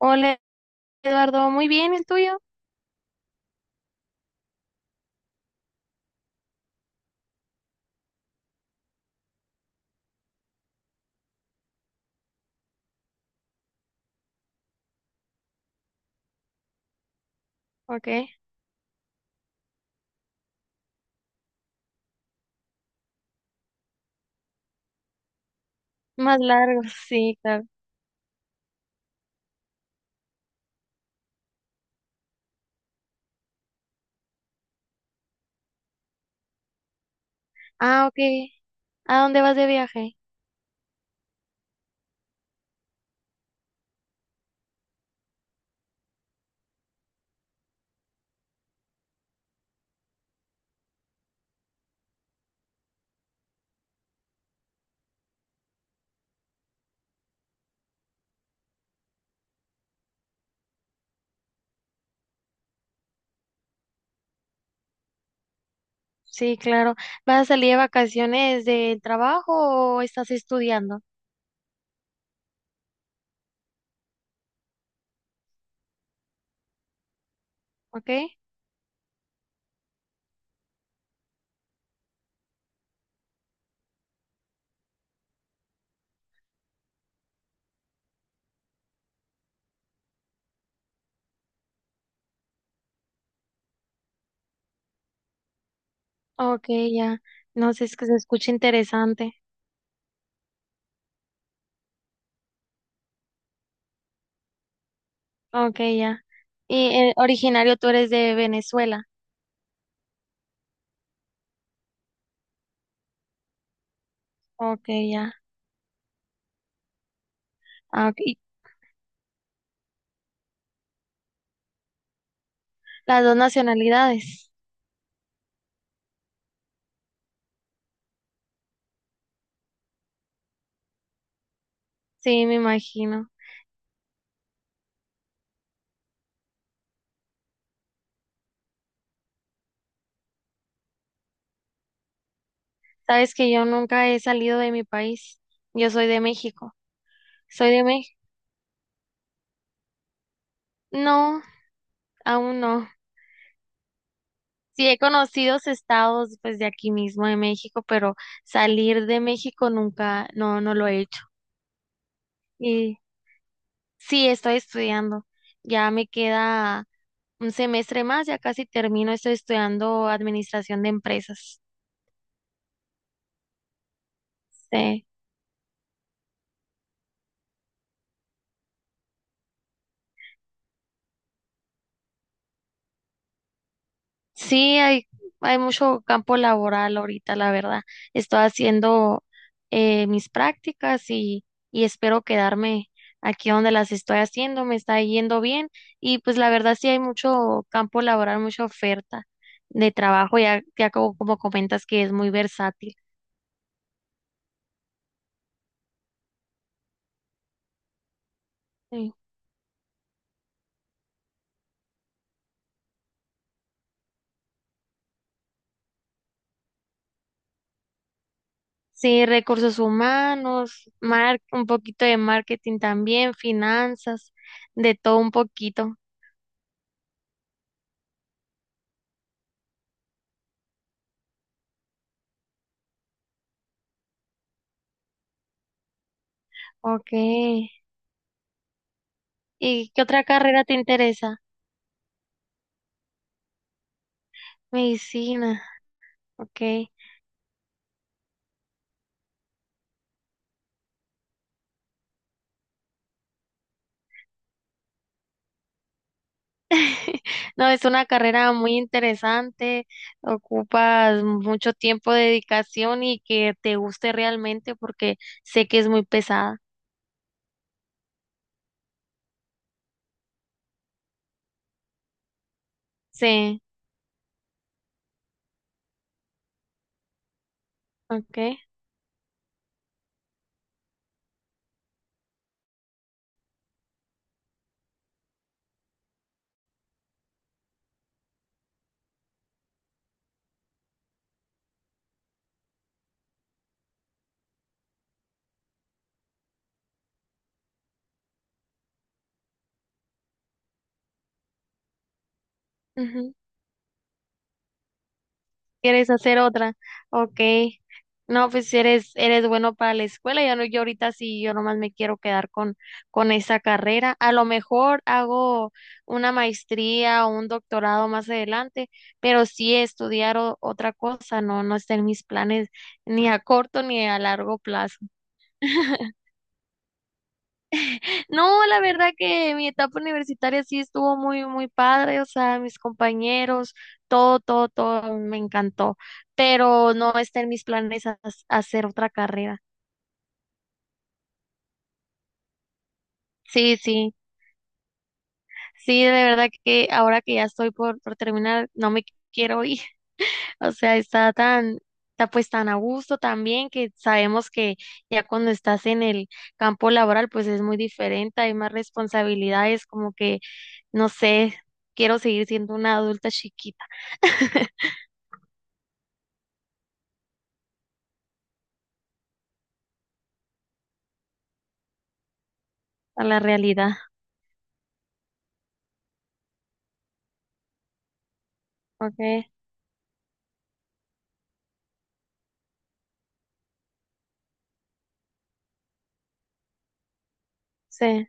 Hola Eduardo, muy bien, ¿el tuyo? Ok, más largo, sí, claro. Ah, ok, ¿a dónde vas de viaje? Sí, claro. ¿Vas a salir de vacaciones del trabajo o estás estudiando? Ok, ok, ya. No sé, es que se escucha interesante. Ok, ya. Y originario tú eres de Venezuela. Ok, ya. Ah, ok. Las dos nacionalidades. Sí, me imagino. Sabes que yo nunca he salido de mi país. Yo soy de México. Soy de México. No. Aún no. Sí he conocido estados pues de aquí mismo de México, pero salir de México nunca, no, no lo he hecho. Y sí, estoy estudiando. Ya me queda un semestre más, ya casi termino. Estoy estudiando administración de empresas. Sí. Sí, hay mucho campo laboral ahorita, la verdad. Estoy haciendo mis prácticas y, espero quedarme aquí donde las estoy haciendo. Me está yendo bien y pues la verdad sí hay mucho campo laboral, mucha oferta de trabajo, ya, ya como comentas que es muy versátil. Sí, Sí, recursos humanos, un poquito de marketing también, finanzas, de todo un poquito. Ok. ¿Y qué otra carrera te interesa? Medicina, ok. No, es una carrera muy interesante, ocupas mucho tiempo de dedicación y que te guste realmente porque sé que es muy pesada. Sí, ok. ¿Quieres hacer otra? Ok. No, pues eres bueno para la escuela. Ya no, yo ahorita sí, yo nomás me quiero quedar con, esa carrera. A lo mejor hago una maestría o un doctorado más adelante, pero sí estudiar otra cosa, no está en mis planes ni a corto ni a largo plazo. No, la verdad que mi etapa universitaria sí estuvo muy, muy padre, o sea, mis compañeros, todo, todo, todo me encantó, pero no está en mis planes hacer otra carrera. Sí, sí, sí, de verdad que ahora que ya estoy por terminar, no me quiero ir, o sea, está pues tan a gusto también que sabemos que ya cuando estás en el campo laboral, pues es muy diferente, hay más responsabilidades, como que, no sé, quiero seguir siendo una adulta chiquita. A la realidad, ok, sí.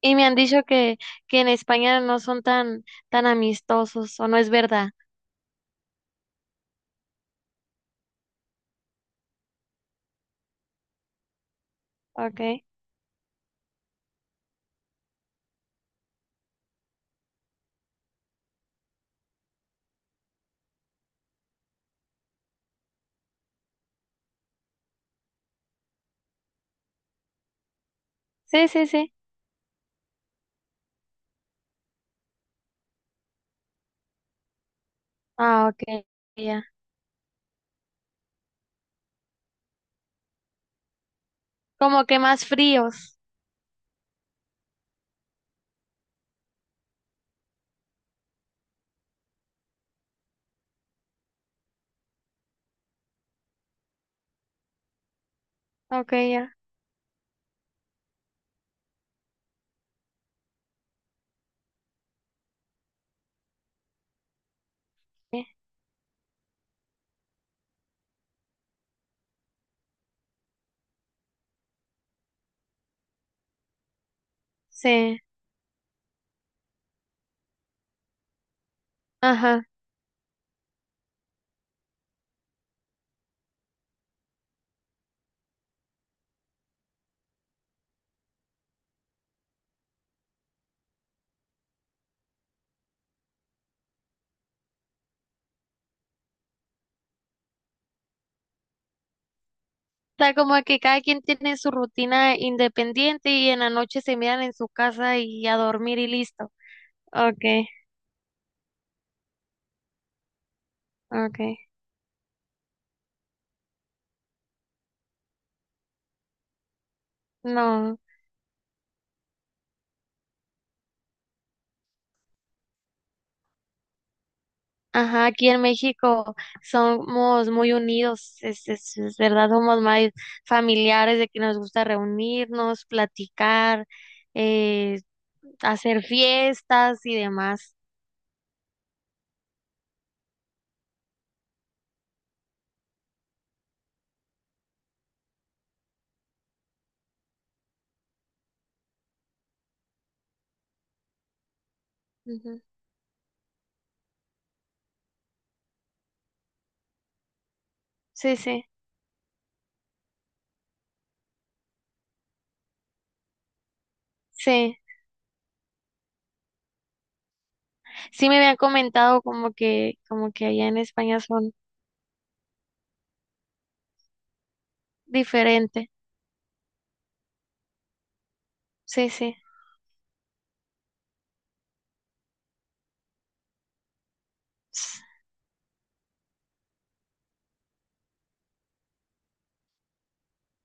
Y me han dicho que en España no son tan amistosos, o no es verdad, ok. Sí, sí, sí. Ah, ok, ya. Como que más fríos, ok, ya. Sí, ajá. Está como que cada quien tiene su rutina independiente y en la noche se miran en su casa y a dormir y listo. Ok, ok. No. Ajá, aquí en México somos muy unidos, es verdad, somos más familiares de que nos gusta reunirnos, platicar, eh, hacer fiestas y demás. Ujú. Sí, sí, sí. Sí me habían comentado como que allá en España son diferentes. Sí, sí. S-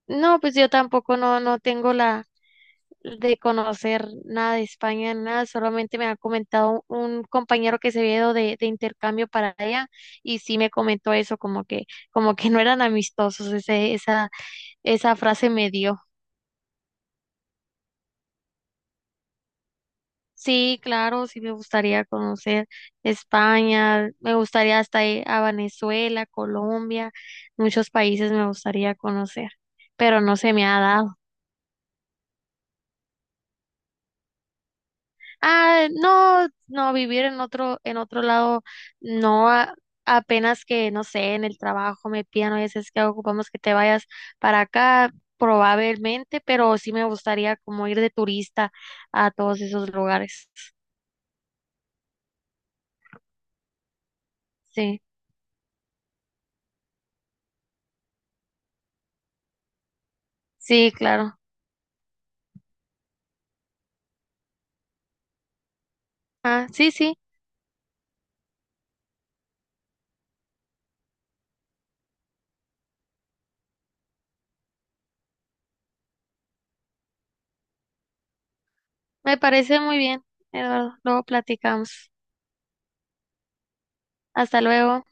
No, pues yo tampoco no tengo la de conocer nada de España, nada, solamente me ha comentado un compañero que se había ido de intercambio para allá y sí me comentó eso, como que no eran amistosos, esa frase me dio. Sí, claro, sí me gustaría conocer España, me gustaría hasta ir a Venezuela, Colombia, muchos países me gustaría conocer, pero no se me ha dado. Ah, no, no, vivir en otro lado, no, apenas que, no sé, en el trabajo me pidan, a veces que ocupamos que te vayas para acá, probablemente, pero sí me gustaría como ir de turista a todos esos lugares. Sí, sí, claro. Ah, sí, sí, me parece muy bien, Eduardo. Luego platicamos. Hasta luego.